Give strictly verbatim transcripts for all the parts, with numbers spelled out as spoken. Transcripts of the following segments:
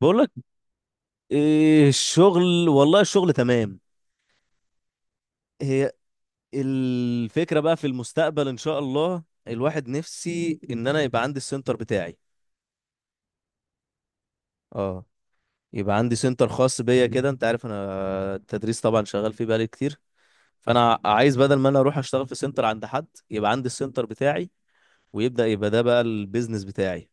بقول لك، إيه الشغل؟ والله الشغل تمام. هي الفكرة بقى في المستقبل، إن شاء الله، الواحد نفسي إن أنا يبقى عندي السنتر بتاعي. اه، يبقى عندي سنتر خاص بيا كده. أنت عارف أنا التدريس طبعا شغال فيه بقالي كتير. فأنا عايز بدل ما أنا أروح أشتغل في سنتر عند حد، يبقى عندي السنتر بتاعي، ويبدأ يبقى ده بقى البيزنس بتاعي.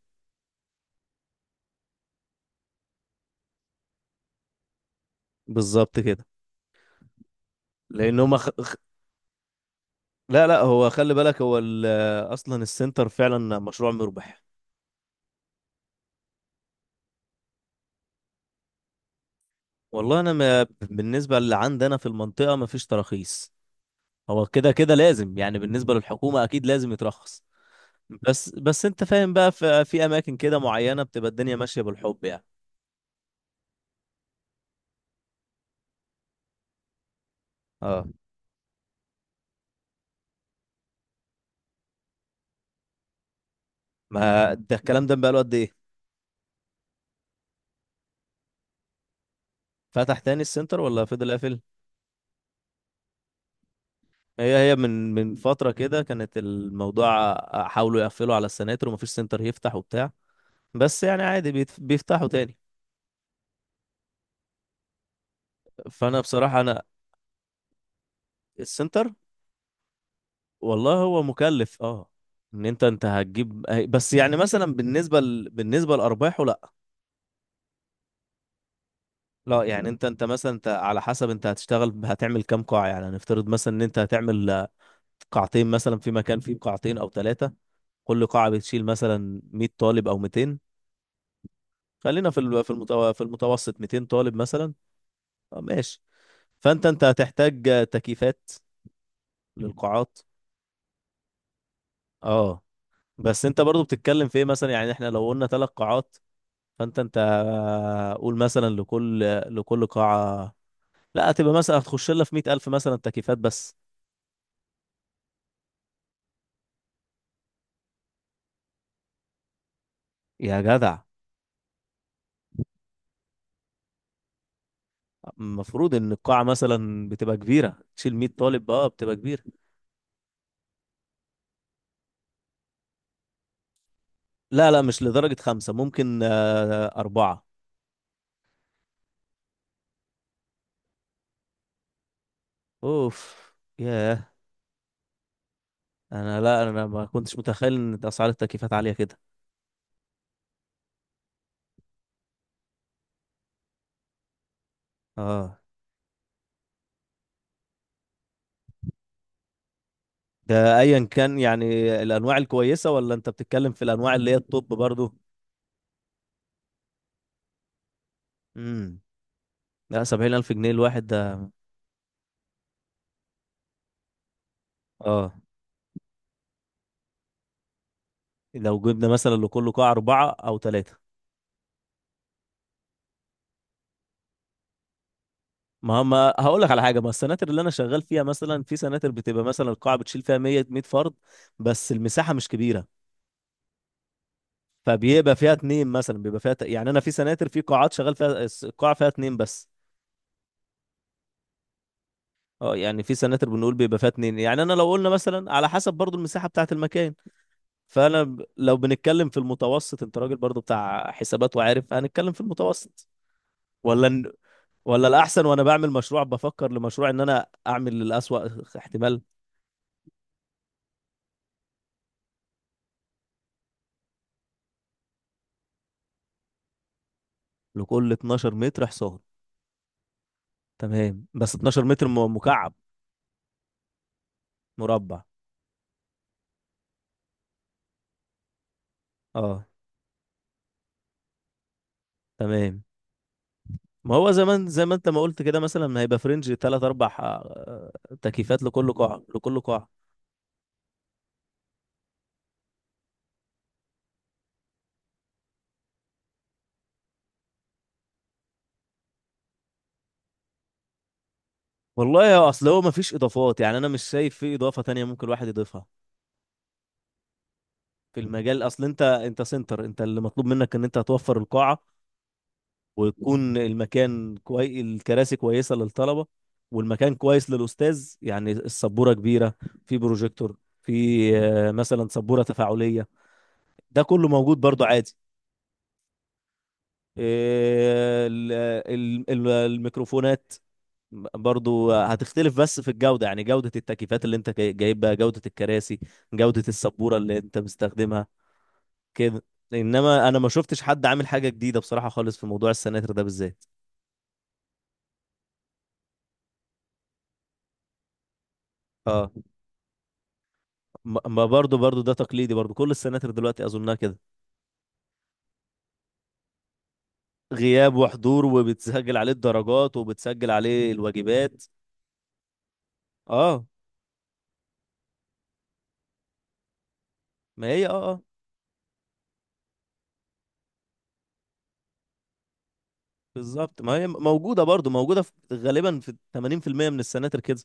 بالظبط كده. لأن هما خ... لا لا، هو خلي بالك، هو ال- أصلا السنتر فعلا مشروع مربح. والله انا، ما بالنسبه اللي عندنا في المنطقه ما فيش تراخيص. هو كده كده لازم، يعني بالنسبه للحكومه اكيد لازم يترخص. بس بس انت فاهم بقى، في, في اماكن كده معينه بتبقى الدنيا ماشيه بالحب يعني. اه. ما ده الكلام ده بقى له قد ايه؟ فتح تاني السنتر ولا فضل قافل؟ هي هي من من فتره كده كانت الموضوع. حاولوا يقفلوا على السناتر ومفيش سنتر يفتح وبتاع. بس يعني عادي بيت- بيفتحوا تاني. فانا بصراحه انا السنتر. والله هو مكلف، اه. ان انت انت هتجيب. بس يعني مثلا بالنسبه ل... بالنسبه لارباحه لا. لا يعني انت انت مثلا، انت على حسب، انت هتشتغل، هتعمل كام قاعه؟ يعني هنفترض مثلا ان انت هتعمل آه، قاعتين مثلا، في مكان فيه قاعتين او ثلاثه. كل قاعه بتشيل مثلا مية طالب او ميتين. خلينا في ال- في المتو... في المتوسط ميتين طالب مثلا. آه، ماشي. فانت انت هتحتاج آه، تكييفات للقاعات. اه. بس انت برضو بتتكلم في ايه مثلا؟ يعني احنا لو قلنا ثلاث قاعات، فانت انت قول مثلا، لكل لكل قاعة، لا هتبقى مثلا هتخش لها في مية ألف مثلا، تكييفات بس. يا جدع. المفروض ان القاعة مثلا بتبقى كبيرة، تشيل مية طالب، اه بتبقى كبيرة. لا لا مش لدرجة خمسة، ممكن آه، أربعة. اوف. ياه. انا، لا انا ما كنتش متخيل ان اسعار التكييفات عالية كده. اه. ده ايا كان يعني، الانواع الكويسة ولا انت بتتكلم في الانواع اللي هي التوب برضو؟ امم. لا، سبعين ألف جنيه الواحد ده؟ اه، لو جبنا مثلا لكل قاعة أربعة أو ثلاثة. ما هم، هقول لك على حاجة، ما السناتر اللي أنا شغال فيها مثلا، في سناتر بتبقى مثلا القاعة بتشيل فيها مية مية فرد، بس المساحة مش كبيرة. فبيبقى فيها اتنين مثلا، بيبقى فيها ت- يعني أنا في سناتر، في قاعات شغال فيها الس- القاعة فيها اتنين بس. اه، يعني في سناتر بنقول بيبقى فيها اتنين، يعني أنا لو قلنا مثلا، على حسب برضو المساحة بتاعة المكان. فأنا ب- لو بنتكلم في المتوسط. أنت راجل برضو بتاع حسابات وعارف. هنتكلم في المتوسط ولا؟ ولا الأحسن؟ وأنا بعمل مشروع بفكر لمشروع، إن أنا أعمل الأسوأ احتمال. لكل اتناشر متر حصان. تمام، بس اتناشر متر م- مكعب؟ مربع. أه. تمام. ما هو زمان، زي ما أنت ما قلت كده، مثلا هيبقى فرنج تلات أربع آه، تكييفات لكل قاعة لكل قاعة. والله يا، أصل هو مفيش إضافات يعني، أنا مش شايف في إضافة تانية ممكن الواحد يضيفها. في المجال، أصل أنت، أنت سنتر، أنت اللي مطلوب منك إن أنت هتوفر القاعة، ويكون المكان كوي... الكراسي كويسة للطلبة، والمكان كويس للأستاذ، يعني السبورة كبيرة، في بروجيكتور، في آه، مثلا سبورة تفاعلية. ده كله موجود برضو عادي. آه، ال- ال- ال- الميكروفونات برضو هتختلف، بس في الجودة، يعني جودة التكييفات اللي انت جاي- جايبها، جودة الكراسي، جودة السبورة اللي انت مستخدمها. كده. انما انا ما شفتش حد عامل حاجة جديدة بصراحة خالص في موضوع السناتر ده بالذات. اه. ما ما برضو برضو ده تقليدي برضو، كل السناتر دلوقتي اظنها كده. غياب وحضور، وبتسجل عليه الدرجات، وبتسجل عليه الواجبات. اه. ما هي، اه اه. بالظبط، ما هي موجودة برضو، موجودة في غالبا في تمانين في المية من السناتر كده.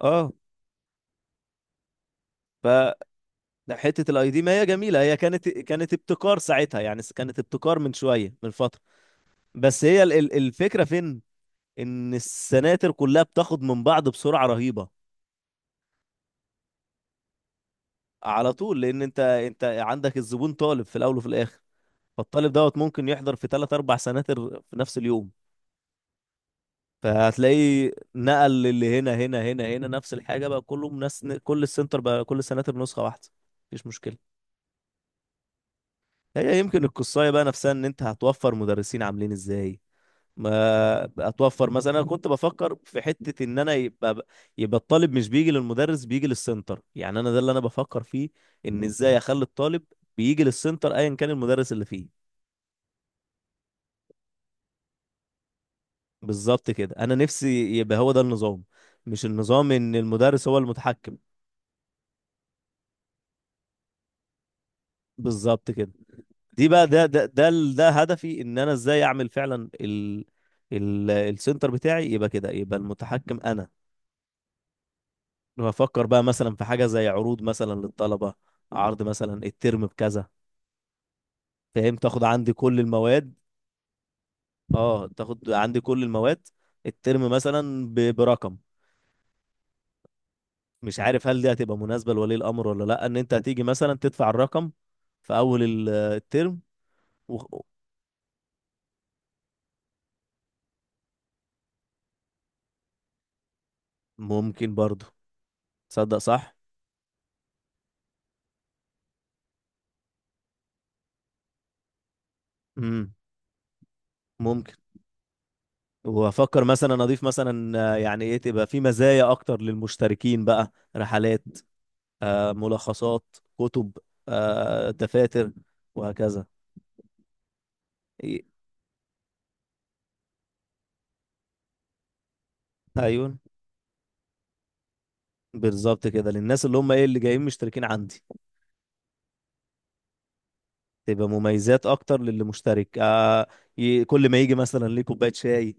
اه. فحتة الاي دي، ما هي جميلة، هي كانت، كانت ابتكار ساعتها، يعني كانت ابتكار من شوية من فترة. بس هي ال- ال- الفكرة فين؟ ان السناتر كلها بتاخد من بعض بسرعة رهيبة. على طول، لان انت انت عندك الزبون طالب في الاول وفي الاخر. فالطالب دوت ممكن يحضر في ثلاث اربع سناتر في نفس اليوم. فهتلاقيه نقل للي هنا هنا هنا هنا، نفس الحاجه بقى، كله ناس، كل السنتر بقى، كل السناتر نسخه واحده. مفيش مشكله. هي يمكن القصايه بقى نفسها، ان انت هتوفر مدرسين عاملين ازاي. ما هتوفر مثلا، انا كنت بفكر في حته، ان انا يبقى، يبقى الطالب مش بيجي للمدرس، بيجي للسنتر. يعني انا ده اللي انا بفكر فيه، ان ازاي اخلي الطالب بيجي للسنتر ايا كان المدرس اللي فيه. بالظبط كده، انا نفسي يبقى هو ده النظام، مش النظام ان المدرس هو المتحكم. بالظبط كده. دي بقى، ده ده ده ال- ده هدفي، ان انا ازاي اعمل فعلا ال ال السنتر بتاعي يبقى كده، يبقى المتحكم انا. بفكر بقى مثلا في حاجه زي عروض مثلا للطلبه، عرض مثلا الترم بكذا، فاهم، تاخد عندي كل المواد. اه، تاخد عندي كل المواد، الترم مثلا ب- برقم. مش عارف هل دي هتبقى مناسبة لولي الأمر ولا لأ، إن أنت هتيجي مثلا تدفع الرقم في أول ال- الترم و... ممكن برضه. تصدق؟ صح؟ امم. ممكن. وأفكر مثلا أضيف مثلا آه، يعني إيه، تبقى في مزايا أكتر للمشتركين بقى، رحلات، آه، ملخصات كتب، آه، دفاتر، وهكذا. إيه، أيوه. بالظبط كده للناس اللي هم إيه، اللي جايين مشتركين عندي. تبقى مميزات أكتر للي مشترك. آه، ي- كل ما يجي مثلا ليه كوباية شاي،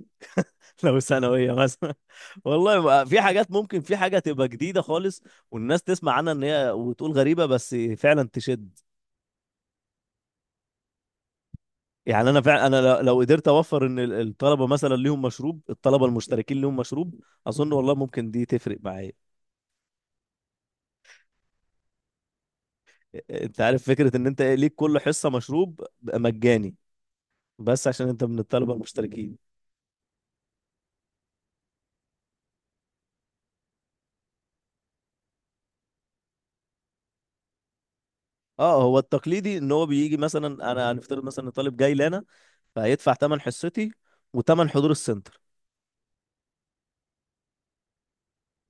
لو ثانوية مثلا. والله، ما- في حاجات ممكن، في حاجة تبقى جديدة خالص، والناس تسمع عنها، ان هي وتقول غريبة بس فعلا تشد. يعني انا فعلا انا، لو لو قدرت اوفر ان ال- الطلبة مثلا ليهم مشروب، الطلبة المشتركين ليهم مشروب، اظن والله ممكن دي تفرق معايا. انت عارف، فكرة ان انت ليك كل حصة مشروب بقى مجاني، بس عشان انت من الطلبة المشتركين. اه، هو التقليدي ان هو بيجي مثلا، انا هنفترض مثلا إن طالب جاي لنا، فهيدفع تمن حصتي، وتمن حضور السنتر.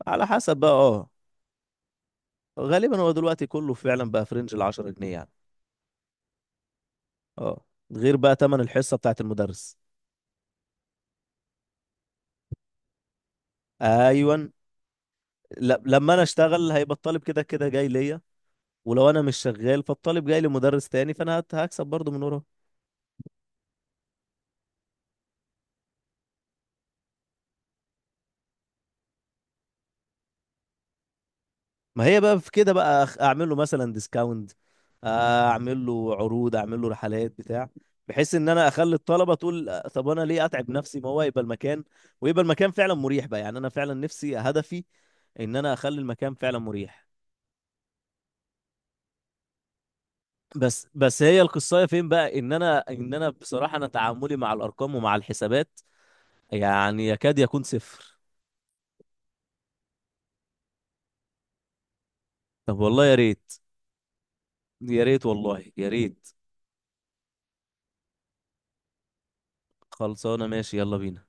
على حسب بقى، اه. غالبا هو دلوقتي كله فعلا بقى في رينج ال عشر جنيه يعني. اه. غير بقى تمن الحصه بتاعت المدرس. ايون. ل- لما انا اشتغل هيبقى الطالب كده كده جاي ليا، ولو انا مش شغال فالطالب جاي لمدرس تاني، فانا هت- هكسب برضه من وراه. ما هي بقى في كده بقى أخ- اعمل له مثلا ديسكاونت، اعمل له عروض، اعمل له رحلات بتاع، بحيث ان انا اخلي الطلبه تقول آه، طب انا ليه اتعب نفسي؟ ما هو يبقى المكان، ويبقى المكان فعلا مريح بقى، يعني انا فعلا نفسي هدفي ان انا اخلي المكان فعلا مريح. بس بس هي القصايه فين بقى، ان انا ان انا بصراحه انا تعاملي مع الارقام ومع الحسابات يعني يكاد يكون صفر. طب والله يا ريت، يا ريت والله يا ريت. خلصانه ماشي، يلا بينا.